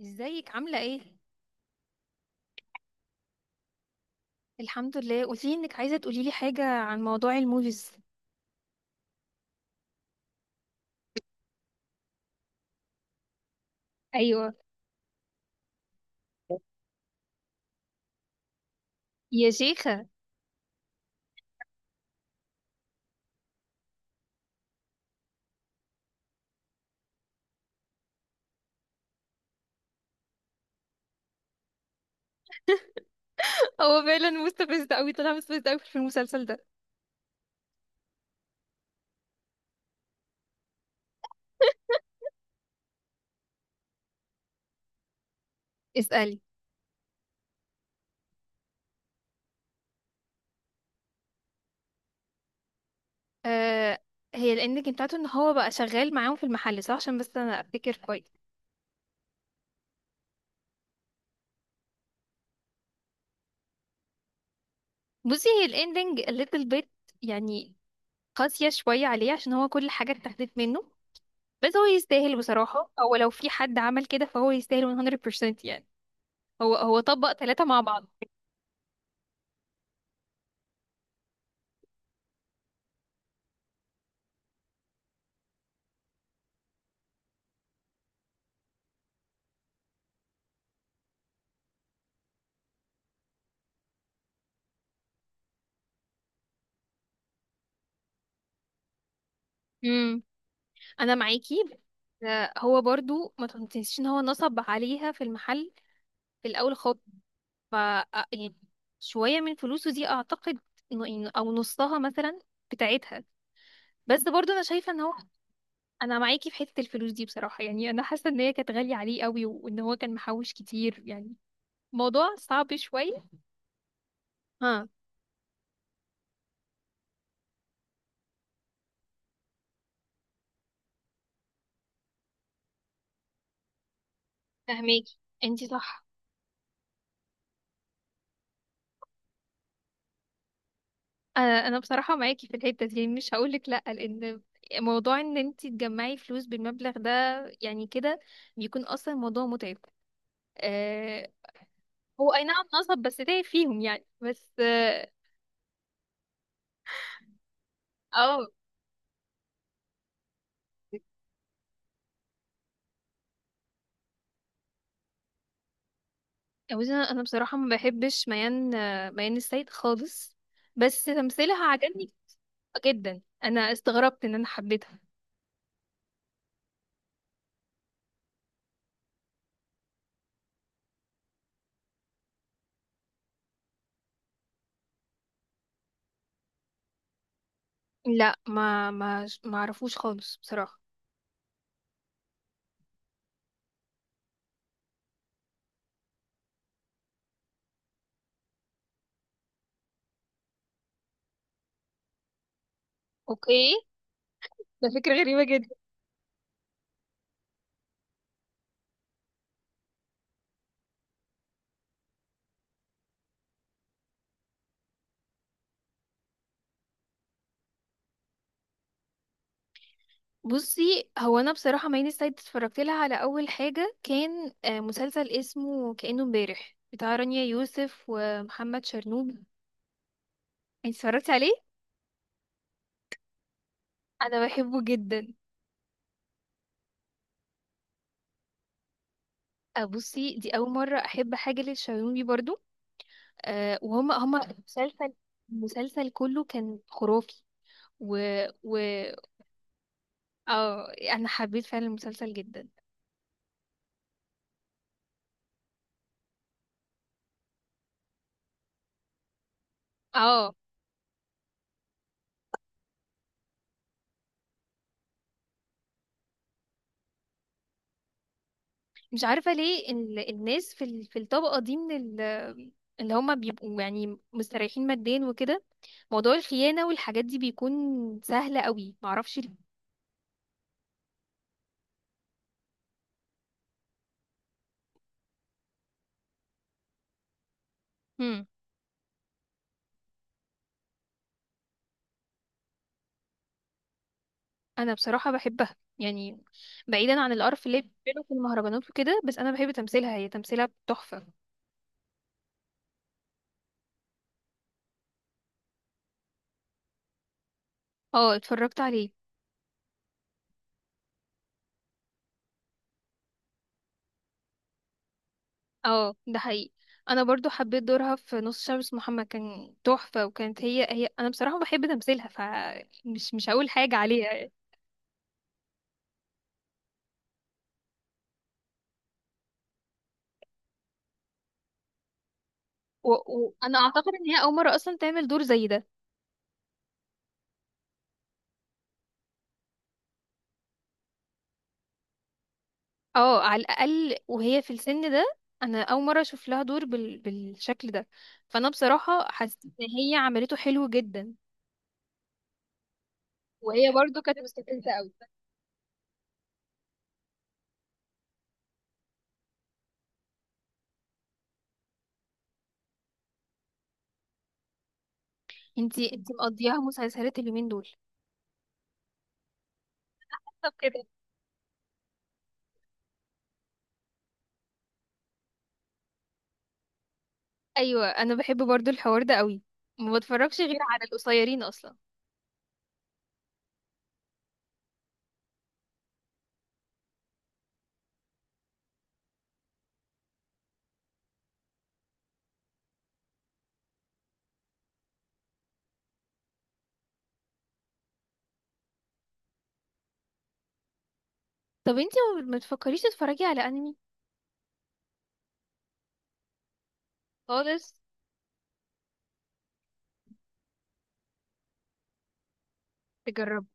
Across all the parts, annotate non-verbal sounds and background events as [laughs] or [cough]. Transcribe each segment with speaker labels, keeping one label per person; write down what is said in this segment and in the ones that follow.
Speaker 1: ازيك عاملة ايه؟ الحمد لله، قولي انك عايزة تقوليلي حاجة عن موضوع الموفيز. ايوه. يا شيخة. هو فعلا مستفز قوي، طلع مستفز قوي في المسلسل ده. اسألي. آه. هي الاندنج بتاعته ان هو بقى شغال معاهم في المحل صح، عشان بس انا افتكر كويس. بصي، هي الاندنج الليتل بيت يعني قاسية شوية عليه عشان هو كل حاجة اتاخدت منه، بس هو يستاهل بصراحة، او لو في حد عمل كده فهو يستاهل 100% يعني. هو هو طبق ثلاثة مع بعض. انا معاكي. آه، هو برضو ما تنسيش ان هو نصب عليها في المحل في الاول خالص. ف آه، يعني شويه من فلوسه دي اعتقد او نصها مثلا بتاعتها. بس برضو انا شايفه ان هو، انا معاكي في حته الفلوس دي بصراحه، يعني انا حاسه ان هي كانت غاليه عليه قوي وان هو كان محوش كتير يعني. موضوع صعب شويه. ها. فهميكي، انتي صح. انا بصراحه معاكي في الحته دي يعني، مش هقولك لا، لان موضوع ان انت تجمعي فلوس بالمبلغ ده يعني كده بيكون اصلا موضوع متعب. آه. هو اي نعم نصب، بس تعب فيهم يعني، بس اه. آه، بصي، انا بصراحه ما بحبش ميان، ميان السيد خالص. بس تمثيلها عجبني جدا، انا استغربت ان انا حبيتها. لا، ما اعرفوش خالص بصراحه. اوكي. ده فكره غريبه جدا. بصي، هو انا بصراحه مايلي سايد اتفرجت لها على اول حاجه كان مسلسل اسمه كأنه امبارح بتاع رانيا يوسف ومحمد شرنوب. انت اتفرجتي عليه؟ انا بحبه جدا. بصي، دي اول مره احب حاجه للشرنوبي برضو. وهم هم المسلسل، المسلسل كله كان خرافي. و و اه انا حبيت فعلا المسلسل جدا. اه. مش عارفه ليه الناس في في الطبقه دي من اللي هم بيبقوا يعني مستريحين ماديا وكده موضوع الخيانة والحاجات دي بيكون سهلة قوي، معرفش ليه. مم. انا بصراحة بحبها يعني، بعيدا عن القرف اللي بيعمله في المهرجانات وكده، بس انا بحب تمثيلها، هي تمثيلها تحفة. اه، اتفرجت عليه. اه ده حقيقي. انا برضو حبيت دورها في نص شعب اسمه محمد، كان تحفة، وكانت هي هي، انا بصراحة بحب تمثيلها، فمش مش هقول حاجة عليها. وانا اعتقد ان هي اول مرة اصلا تعمل دور زي ده. اه، على الاقل وهي في السن ده. انا اول مره اشوف لها دور بال... بالشكل ده. فانا بصراحه حسيت ان هي عملته حلو جدا. وهي برضو كانت مستفزه قوي. انتي مقضياها مسلسلات اليومين دول. طب كده. ايوه، انا بحب برضو الحوار ده قوي. ما بتفرجش غير على القصيرين اصلا. طب انتي ما تفكريش تتفرجي على انمي خالص؟ تجربي.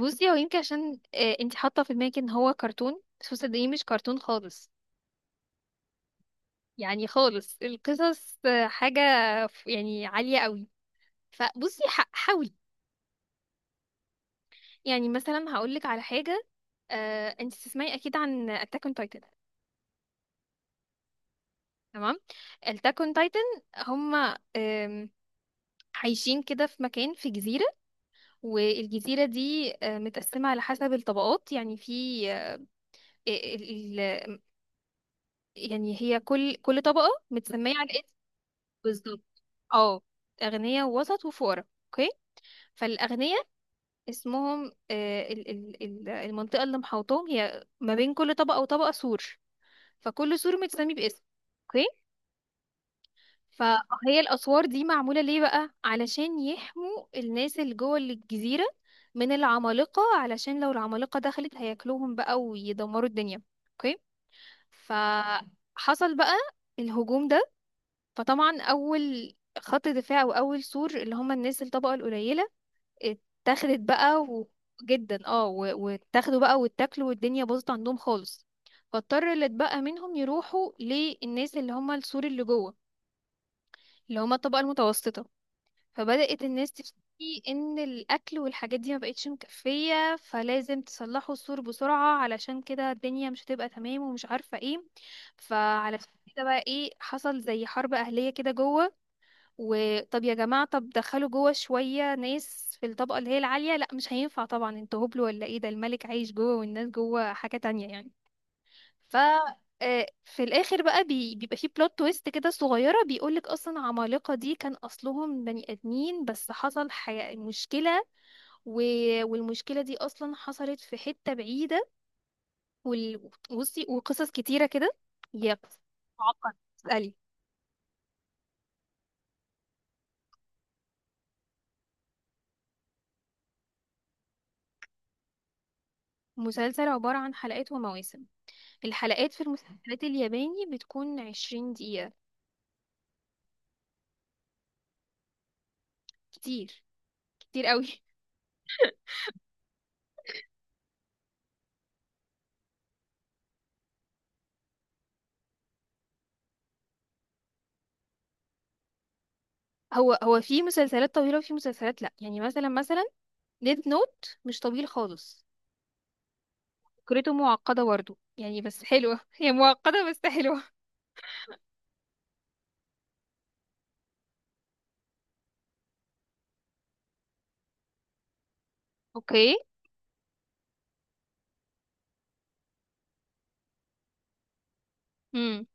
Speaker 1: بصي، هو يمكن عشان انتي حاطه في دماغك ان هو كرتون، بس هو صدقيني مش كرتون خالص، يعني خالص. القصص حاجة يعني عالية قوي. فبصي، حاولي. يعني مثلا هقولك على حاجة. انت تسمعي اكيد عن اتاك اون تايتن. تمام. اتاك اون تايتن، هما عايشين كده في مكان في جزيرة، والجزيرة دي متقسمة على حسب الطبقات. يعني في آه، ال- ال- يعني هي كل طبقة متسمية على اسم. بالظبط. اه. أغنياء ووسط وفقراء، اوكي. فالأغنياء اسمهم المنطقة اللي محاوطاهم، هي ما بين كل طبقة وطبقة سور، فكل سور متسمي باسم. اوكي. فهي الأسوار دي معمولة ليه بقى علشان يحموا الناس اللي جوه الجزيرة من العمالقة، علشان لو العمالقة دخلت هياكلوهم بقى ويدمروا الدنيا. اوكي. فحصل بقى الهجوم ده. فطبعا أول خط دفاع وأول سور، اللي هم الناس الطبقة القليلة، اتاخدت بقى و... جدا اه واتاخدوا بقى واتاكلوا والدنيا باظت عندهم خالص. فاضطر اللي اتبقى منهم يروحوا للناس اللي هم السور اللي جوه، اللي هم الطبقة المتوسطة. فبدأت الناس تشتكي ان الاكل والحاجات دي ما بقتش مكفية، فلازم تصلحوا السور بسرعة، علشان كده الدنيا مش هتبقى تمام ومش عارفة ايه. فعلشان كده بقى ايه، حصل زي حرب اهلية كده جوه. وطب يا جماعة، طب دخلوا جوه شوية ناس في الطبقة اللي هي العالية. لا، مش هينفع طبعا، انتوا هبل ولا ايه؟ ده الملك عايش جوه والناس جوه حاجة تانية يعني. ف آه، في الاخر بقى بيبقى فيه بلوت تويست كده صغيرة، بيقولك اصلا عمالقة دي كان اصلهم بني ادمين، بس حصل مشكلة، و... والمشكلة دي اصلا حصلت في حتة بعيدة. وال... بصي، وقصص كتيرة كده. يا. معقد، اسألي. مسلسل عبارة عن حلقات ومواسم، الحلقات في المسلسلات الياباني بتكون 20 دقيقة. كتير، كتير قوي [laughs] هو هو في مسلسلات طويلة وفي مسلسلات لأ. يعني مثلا ديد نوت مش طويل خالص، فكرته معقدة برضه يعني بس حلوة [laughs] هي معقدة بس حلوة. اوكي. امم.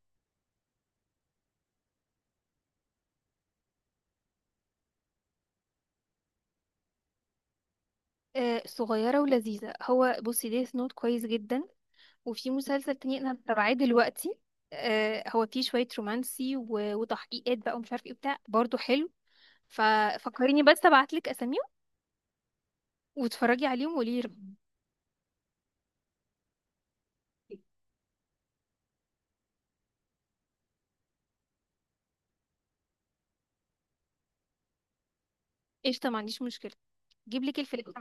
Speaker 1: آه، صغيرة ولذيذة. هو بصي ديث نوت كويس جدا، وفي مسلسل تاني انا متابعاه دلوقتي، هو فيه شوية رومانسي وتحقيقات بقى ومش عارف ايه بتاع، برضه حلو. ففكريني بس ابعتلك اساميهم واتفرجي عليهم وقولي. قشطة، ما عنديش مشكلة. جيب لك الفلفل.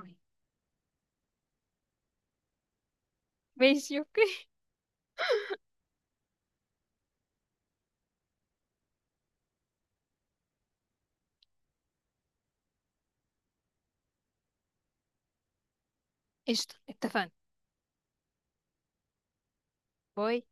Speaker 1: ماشي، اوكي. قشطة اتفقنا. باي.